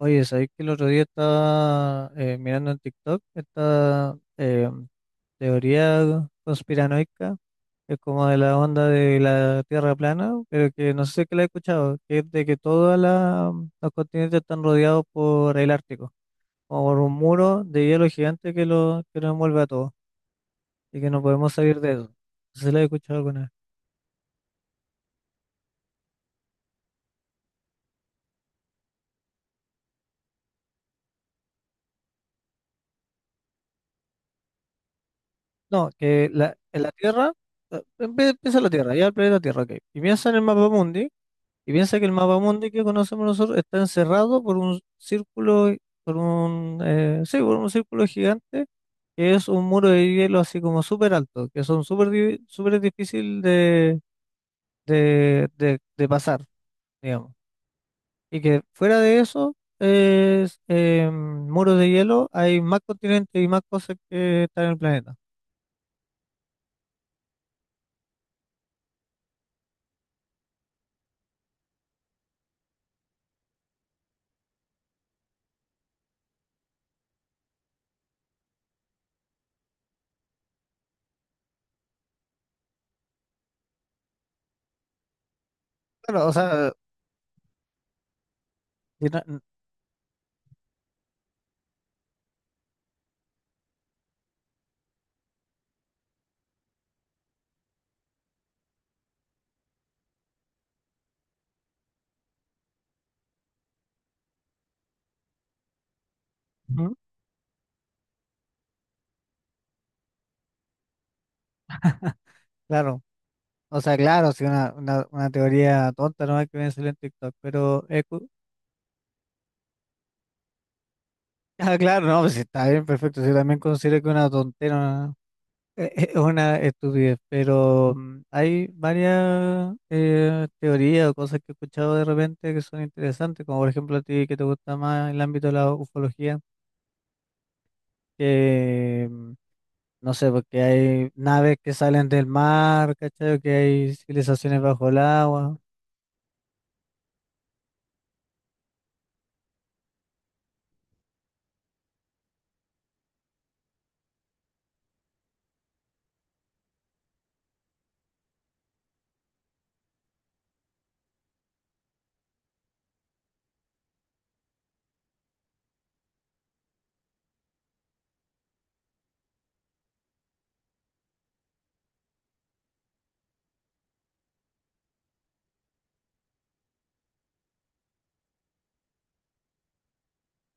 Oye, ¿sabéis que el otro día estaba mirando en TikTok esta teoría conspiranoica, que es como de la onda de la Tierra plana, pero que no sé si que la he escuchado, que es de que todos los continentes están rodeados por el Ártico, como por un muro de hielo gigante que nos envuelve a todos y que no podemos salir de eso. No sé si la he escuchado alguna vez. No, en la Tierra, empieza la Tierra, ya el planeta Tierra, ok. Y piensa en el mapa. Y piensa que el mapa mundi que conocemos nosotros está encerrado por un círculo, por un, sí, por un círculo gigante, que es un muro de hielo así como súper alto, que son súper difícil de, de pasar, digamos. Y que fuera de eso, es muros de hielo, hay más continentes y más cosas que están en el planeta. Claro, o sea, si no- n- ujú, claro, o sea, claro, si una teoría tonta no hay que ver en TikTok, pero es... Ah, claro, no, pues está bien, perfecto. Yo también considero que una tontera es una estupidez, pero mm, hay varias teorías o cosas que he escuchado de repente que son interesantes, como por ejemplo a ti que te gusta más el ámbito de la ufología, que mm, no sé, porque hay naves que salen del mar, ¿cachai? O que hay civilizaciones bajo el agua,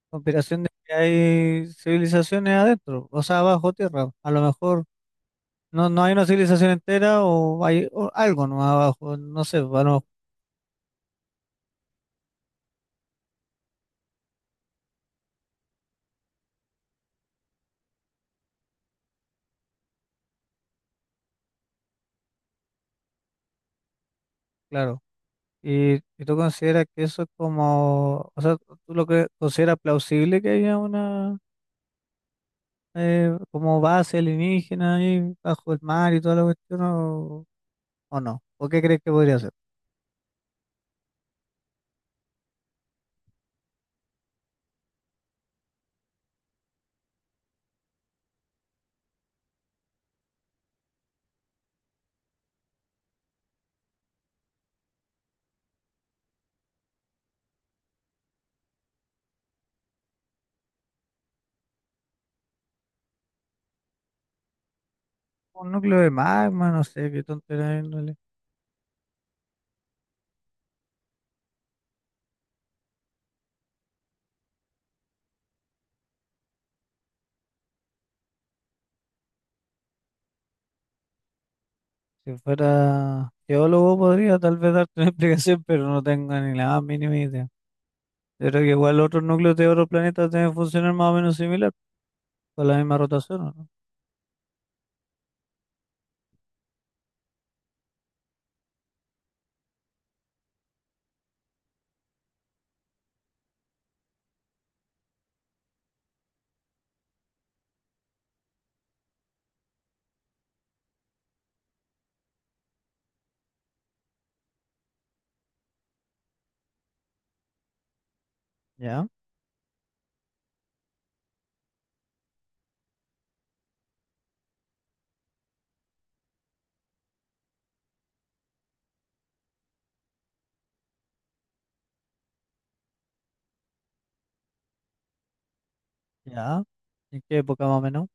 conspiración de que hay civilizaciones adentro, o sea, bajo tierra, a lo mejor. No, no hay una civilización entera o hay o algo nomás abajo, no sé, bueno, claro. Y tú consideras que eso es como, o sea, tú lo que consideras plausible que haya una como base alienígena ahí bajo el mar y toda la cuestión o, ¿o no? ¿O qué crees que podría ser? Un núcleo de magma, no sé, qué tontería. De índole. Si fuera geólogo podría tal vez darte una explicación, pero no tengo ni la más mínima idea. Yo creo que igual otros núcleos de otros planetas deben funcionar más o menos similar. Con la misma rotación, ¿o no? Ya, ya. ¿En qué época más o menos?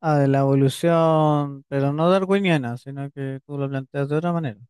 Ah, de la evolución, pero no darwiniana, sino que tú lo planteas de otra manera.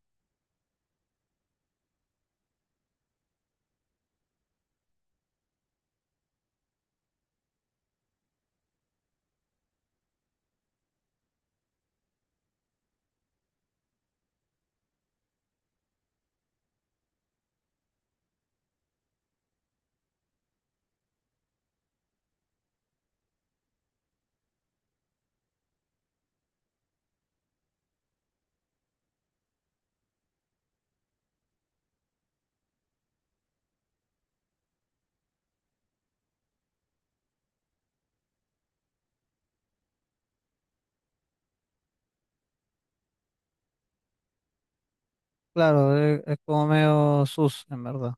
Claro, es como medio sus, en verdad.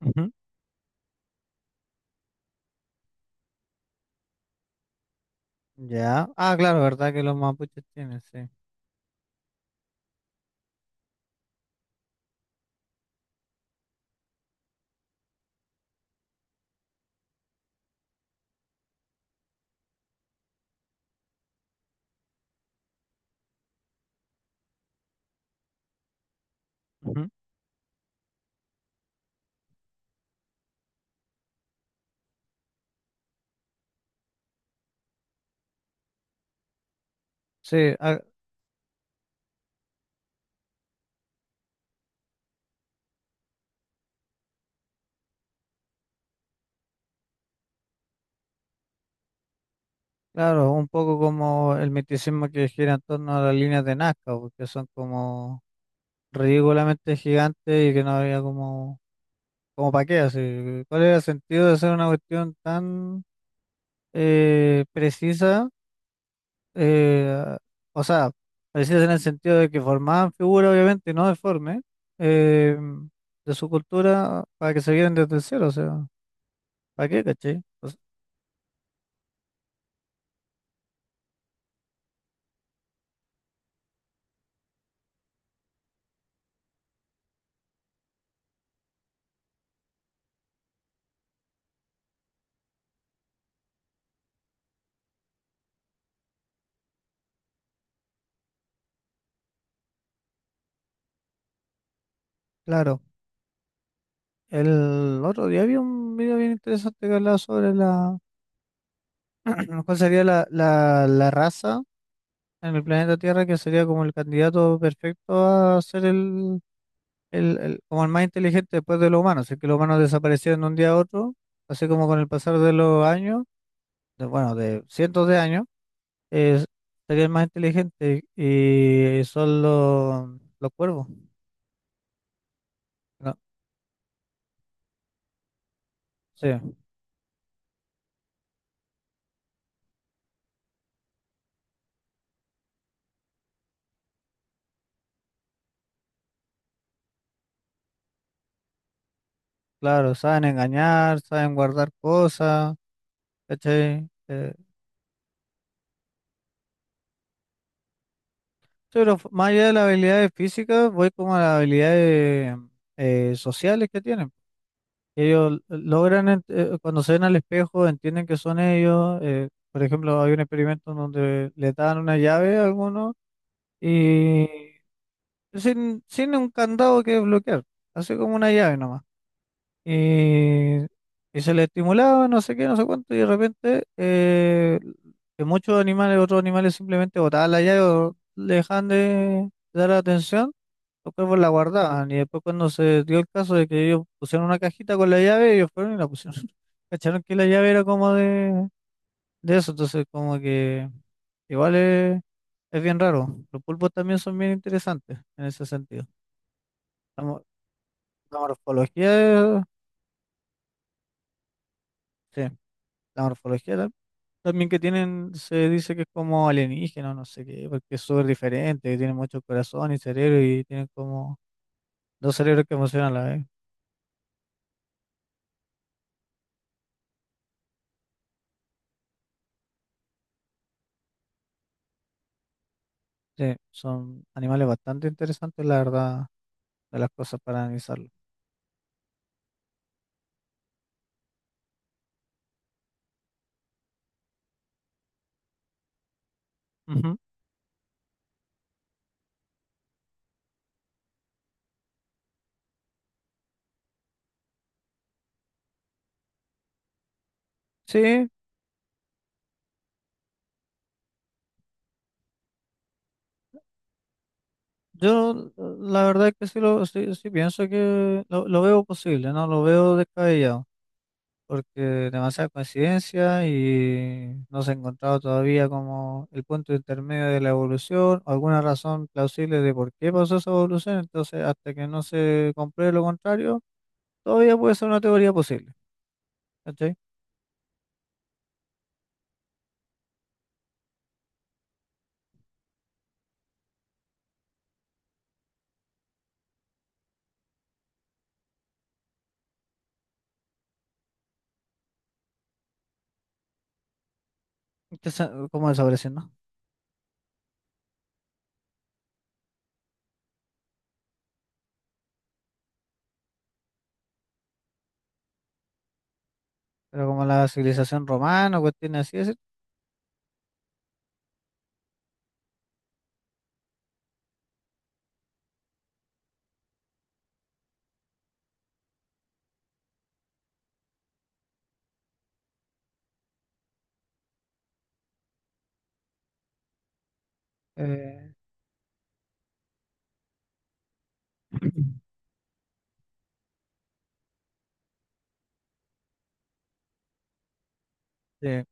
Ujú. Ya. Ah, claro, ¿verdad que los mapuches tienen, sí. Ujú. Sí, ah, claro, un poco como el misticismo que gira en torno a las líneas de Nazca, porque son como ridículamente gigantes y que no había como, como para qué, así. ¿Cuál era el sentido de hacer una cuestión tan precisa, eh, o sea, precisa en el sentido de que formaban figuras obviamente no deformes eh, de su cultura para que se vieran desde cero, o sea, ¿para qué, caché? Pues, claro, el otro día había un video bien interesante que hablaba sobre cuál sería la raza en el planeta Tierra que sería como el candidato perfecto a ser el como el más inteligente después de los humanos, si es que los humanos desaparecieron de un día a otro, así como con el pasar de los años, de, bueno, de cientos de años, es, sería el más inteligente y son los cuervos, ¿no? Sí, claro, saben engañar, saben guardar cosas, ¿cachai? Sí, pero más allá de las habilidades físicas, voy como a las habilidades sociales que tienen. Ellos logran, cuando se ven al espejo, entienden que son ellos. Eh, por ejemplo, hay un experimento en donde le dan una llave a algunos y sin, sin un candado que bloquear, así como una llave nomás. Y, y se le estimulaba, no sé qué, no sé cuánto, y de repente que muchos animales, otros animales simplemente botaban la llave o le dejaban de dar atención. Los pues la guardaban y después cuando se dio el caso de que ellos pusieron una cajita con la llave, ellos fueron y la pusieron. Cacharon que la llave era como de eso, entonces como que igual es bien raro. Los pulpos también son bien interesantes en ese sentido. La, mo- la morfología, sí, la morfología tam- también que tienen, se dice que es como alienígena, no sé qué, porque es súper diferente, que tienen mucho corazón y cerebro y tienen como dos cerebros que emocionan a la vez. Sí, son animales bastante interesantes, la verdad. De las cosas para analizarlo. Ujú. Sí, yo la verdad que sí, lo, sí, sí pienso que lo veo posible, no lo veo descabellado, porque demasiada coincidencia y no se ha encontrado todavía como el punto intermedio de la evolución, o alguna razón plausible de por qué pasó esa evolución, entonces hasta que no se compruebe lo contrario, todavía puede ser una teoría posible, ¿cachai? Que se- como desaparecer, ¿no? Pero como la civilización romana o cuestiones así, es, eh, sí.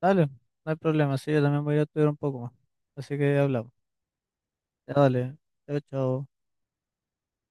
Dale, no hay problema, sí, yo también voy a estudiar un poco más. Así que hablamos. Ya dale, chao, chao.